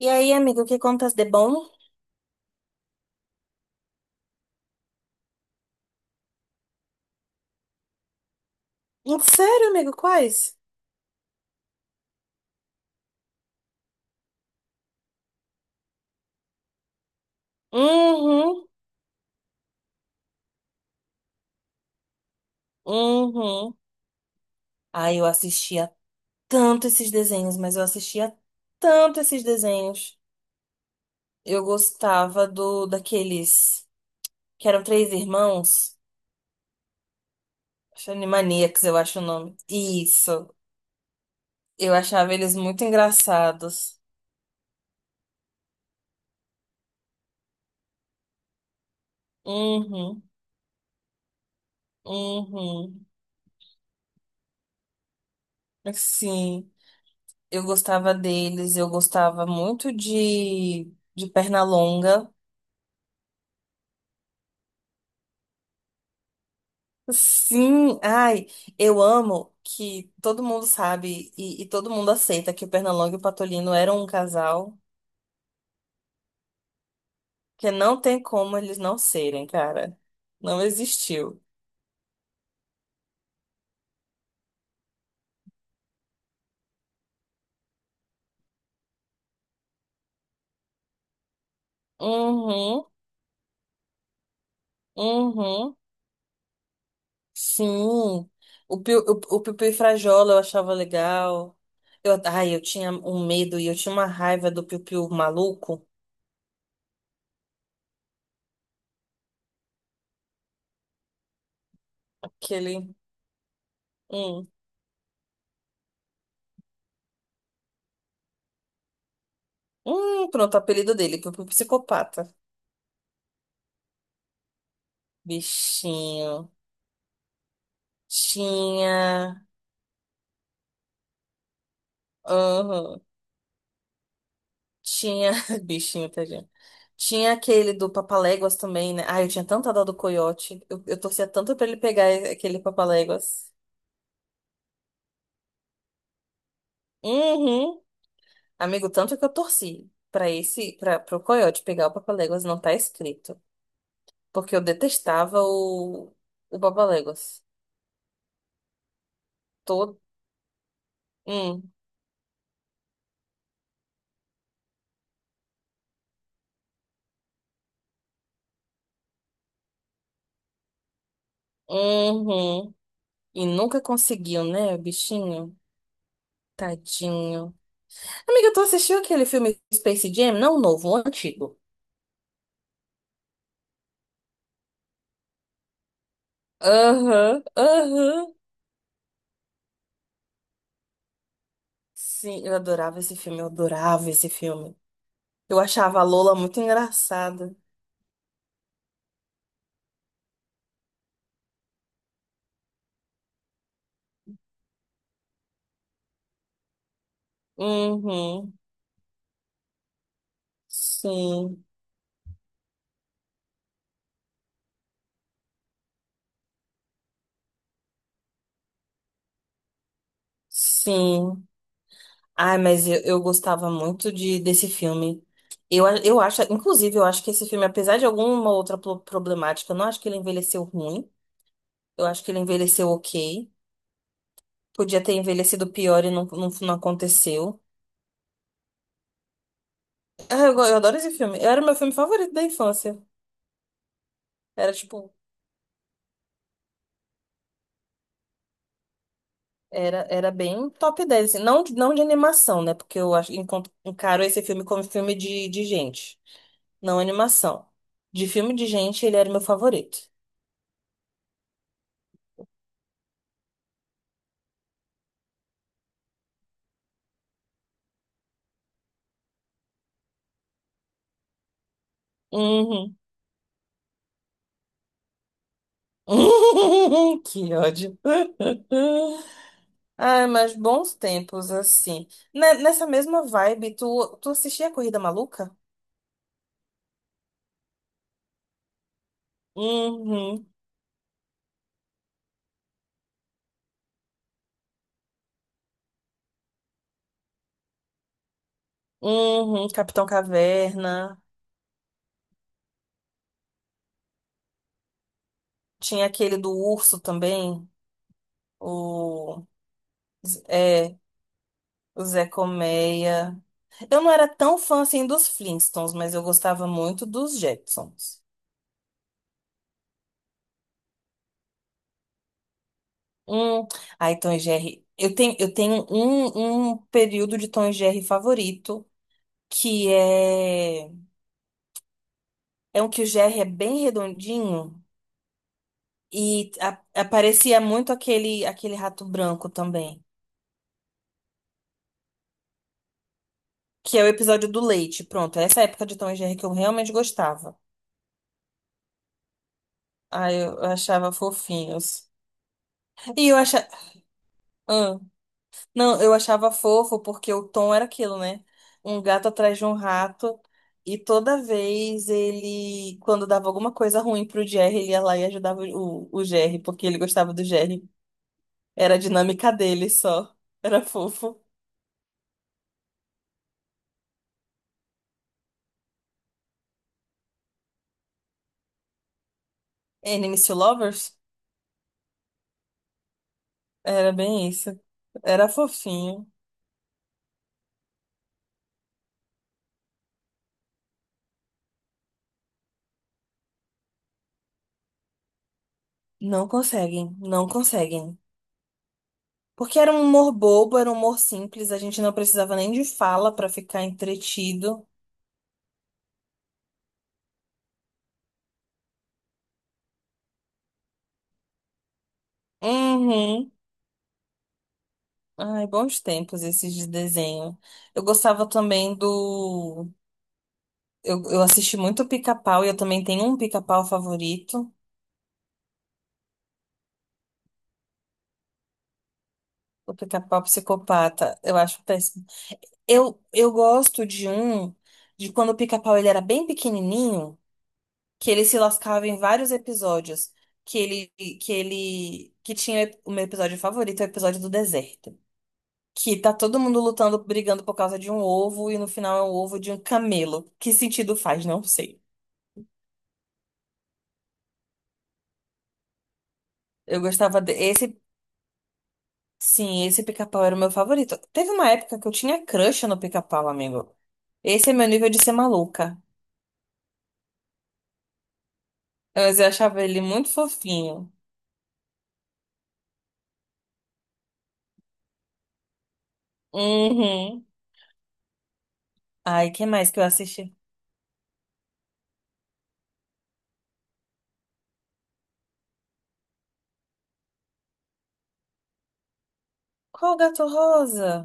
E aí, amigo, que contas de bom? Sério, amigo, quais? Uhum, uhum. Ai, eu assistia tanto esses desenhos, mas eu assistia tanto esses desenhos. Eu gostava do daqueles que eram três irmãos, acho Animaniacs, eu acho o nome. Isso. Eu achava eles muito engraçados. Uhum, uhum. Sim, eu gostava deles, eu gostava muito de Pernalonga. Sim, ai, eu amo que todo mundo sabe e todo mundo aceita que o Pernalonga e o Patolino eram um casal, que não tem como eles não serem, cara. Não existiu. Uhum, uhum, sim. O Piu, o, o Piu Piu e Frajola eu achava legal. Eu tinha um medo e eu tinha uma raiva do Piu Piu maluco, aquele. Hum, Pronto, o apelido dele, Piu Piu psicopata. Bichinho. Tinha. Aham. Tinha, bichinho, tadinho. Tinha aquele do Papaléguas também, né? Ai, eu tinha tanta dó do coiote. Eu torcia tanto pra ele pegar aquele Papaléguas. Uhum. Amigo, tanto que eu torci pra esse, para pro coiote pegar o Papaléguas, não tá escrito. Porque eu detestava o Papaléguas. Todo. Hum. Uhum. E nunca conseguiu, né, bichinho? Tadinho. Amiga, tu assistiu aquele filme Space Jam? Não o novo, o antigo. Aham, aham. Sim, eu adorava esse filme, eu adorava esse filme. Eu achava a Lola muito engraçada. Uhum, sim, sim. Ai, mas eu gostava muito desse filme. Eu acho, inclusive, eu acho que esse filme, apesar de alguma outra problemática, eu não acho que ele envelheceu ruim. Eu acho que ele envelheceu ok. Podia ter envelhecido pior e não aconteceu. Ah, eu adoro esse filme. Era o meu filme favorito da infância. Era tipo. Era, era bem top 10 assim. Não, não de animação, né? Porque eu acho, encaro esse filme como filme de gente, não animação. De filme de gente, ele era meu favorito. Uhum. Que ódio. Ai, mas bons tempos, assim. Nessa mesma vibe, tu assistia a Corrida Maluca? Uhum, uhum, Capitão Caverna. Tinha aquele do urso também, o, é, o Zé Colmeia. Eu não era tão fã assim dos Flintstones, mas eu gostava muito dos Jetsons. Hum, ai, Tom e Jerry. Eu tenho um, um período de Tom e Jerry favorito, que é, é um que o Jerry é bem redondinho e aparecia muito aquele, aquele rato branco também. Que é o episódio do leite. Pronto, essa época de Tom e Jerry que eu realmente gostava. Ah, eu achava fofinhos. E eu achava. Não, eu achava fofo porque o Tom era aquilo, né? Um gato atrás de um rato. E toda vez ele, quando dava alguma coisa ruim pro Jerry, ele ia lá e ajudava o Jerry, porque ele gostava do Jerry. Era a dinâmica dele só. Era fofo. Enemies to Lovers? Era bem isso. Era fofinho. Não conseguem, não conseguem. Porque era um humor bobo, era um humor simples, a gente não precisava nem de fala pra ficar entretido. Uhum. Ai, bons tempos esses de desenho. Eu gostava também do. Eu assisti muito Pica-Pau e eu também tenho um Pica-Pau favorito, o Pica-Pau Psicopata. Eu acho péssimo. Eu gosto de quando o Pica-Pau ele era bem pequenininho, que ele se lascava em vários episódios. Que ele, que tinha o meu episódio favorito, é o episódio do deserto. Que tá todo mundo lutando, brigando por causa de um ovo e no final é um ovo de um camelo. Que sentido faz? Não sei. Eu gostava de... Sim, esse pica-pau era o meu favorito. Teve uma época que eu tinha crush no pica-pau, amigo. Esse é meu nível de ser maluca. Mas eu achava ele muito fofinho. Uhum. Ai, que mais que eu assisti? Qual o gato rosa?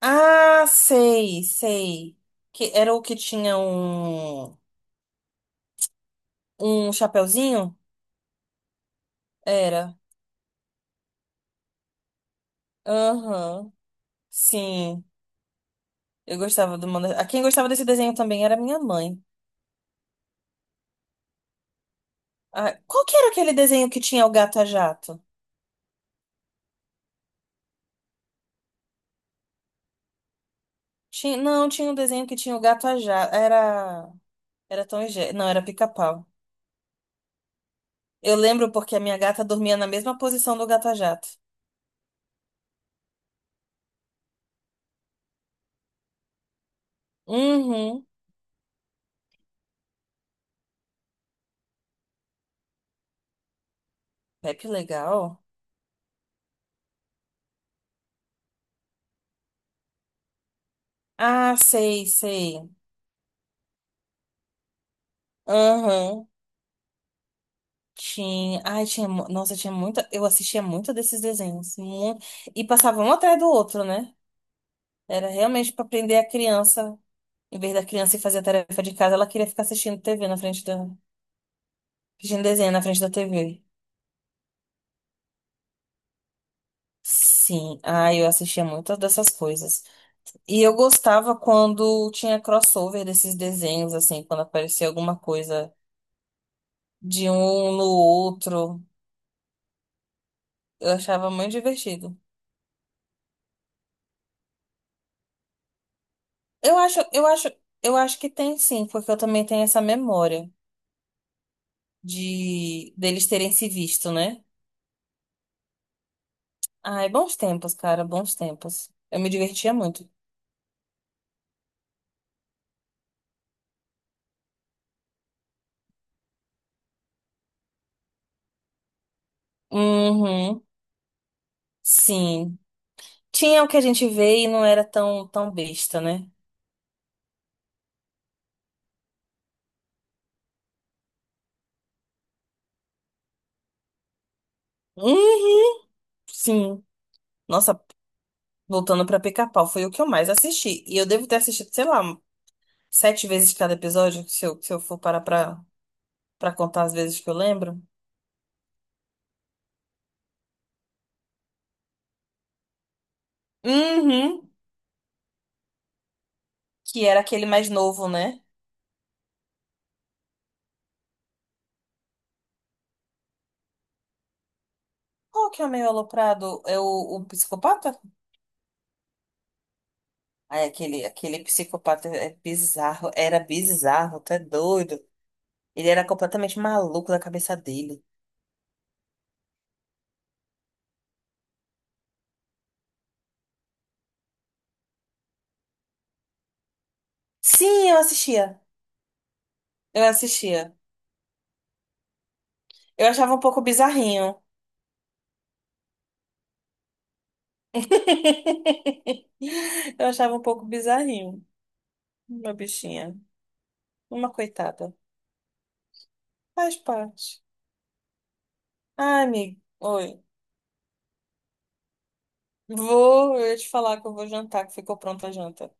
Ah, sei, sei. Que era o que tinha um chapeuzinho? Era. Aham. Sim. Eu gostava do Manda... A quem gostava desse desenho também era minha mãe. Ah, qual que era aquele desenho que tinha o gato a jato? Tinha... Não, tinha um desenho que tinha o gato a jato. Era. Era Tom e Jerry. Não, era Pica-Pau. Eu lembro porque a minha gata dormia na mesma posição do gato a jato. Uhum. Pepe legal. Ah, sei, sei. Uhum. Tinha. Ai, tinha. Nossa, tinha muita. Eu assistia muito desses desenhos. E passava um atrás do outro, né? Era realmente para prender a criança. Em vez da criança ir fazer a tarefa de casa, ela queria ficar assistindo TV na frente da. Assistindo desenho na frente da TV. Sim, ah, eu assistia muitas dessas coisas. E eu gostava quando tinha crossover desses desenhos, assim, quando aparecia alguma coisa de um no outro. Eu achava muito divertido. Eu acho, eu acho, eu acho que tem sim, porque eu também tenho essa memória de deles terem se visto, né? Ai, bons tempos, cara, bons tempos. Eu me divertia muito. Uhum, sim. Tinha o que a gente vê e não era tão besta, né? Uhum, sim. Nossa, voltando pra Pica-Pau, foi o que eu mais assisti. E eu devo ter assistido, sei lá, sete vezes cada episódio, se eu for parar pra contar as vezes que eu lembro. Uhum. Que era aquele mais novo, né? Qual que é o meio aloprado? É o psicopata? Ai, aquele psicopata é bizarro. Era bizarro, tu é doido. Ele era completamente maluco da cabeça dele. Sim, eu assistia. Eu assistia. Eu achava um pouco bizarrinho. Eu achava um pouco bizarrinho, uma bichinha, uma coitada. Faz parte. Ai, amigo, oi. Vou, eu ia te falar que eu vou jantar, que ficou pronta a janta.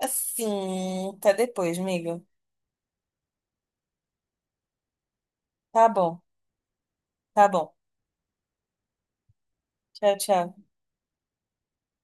Assim, até depois, amigo. Tá bom, tá bom. Tchau, tchau.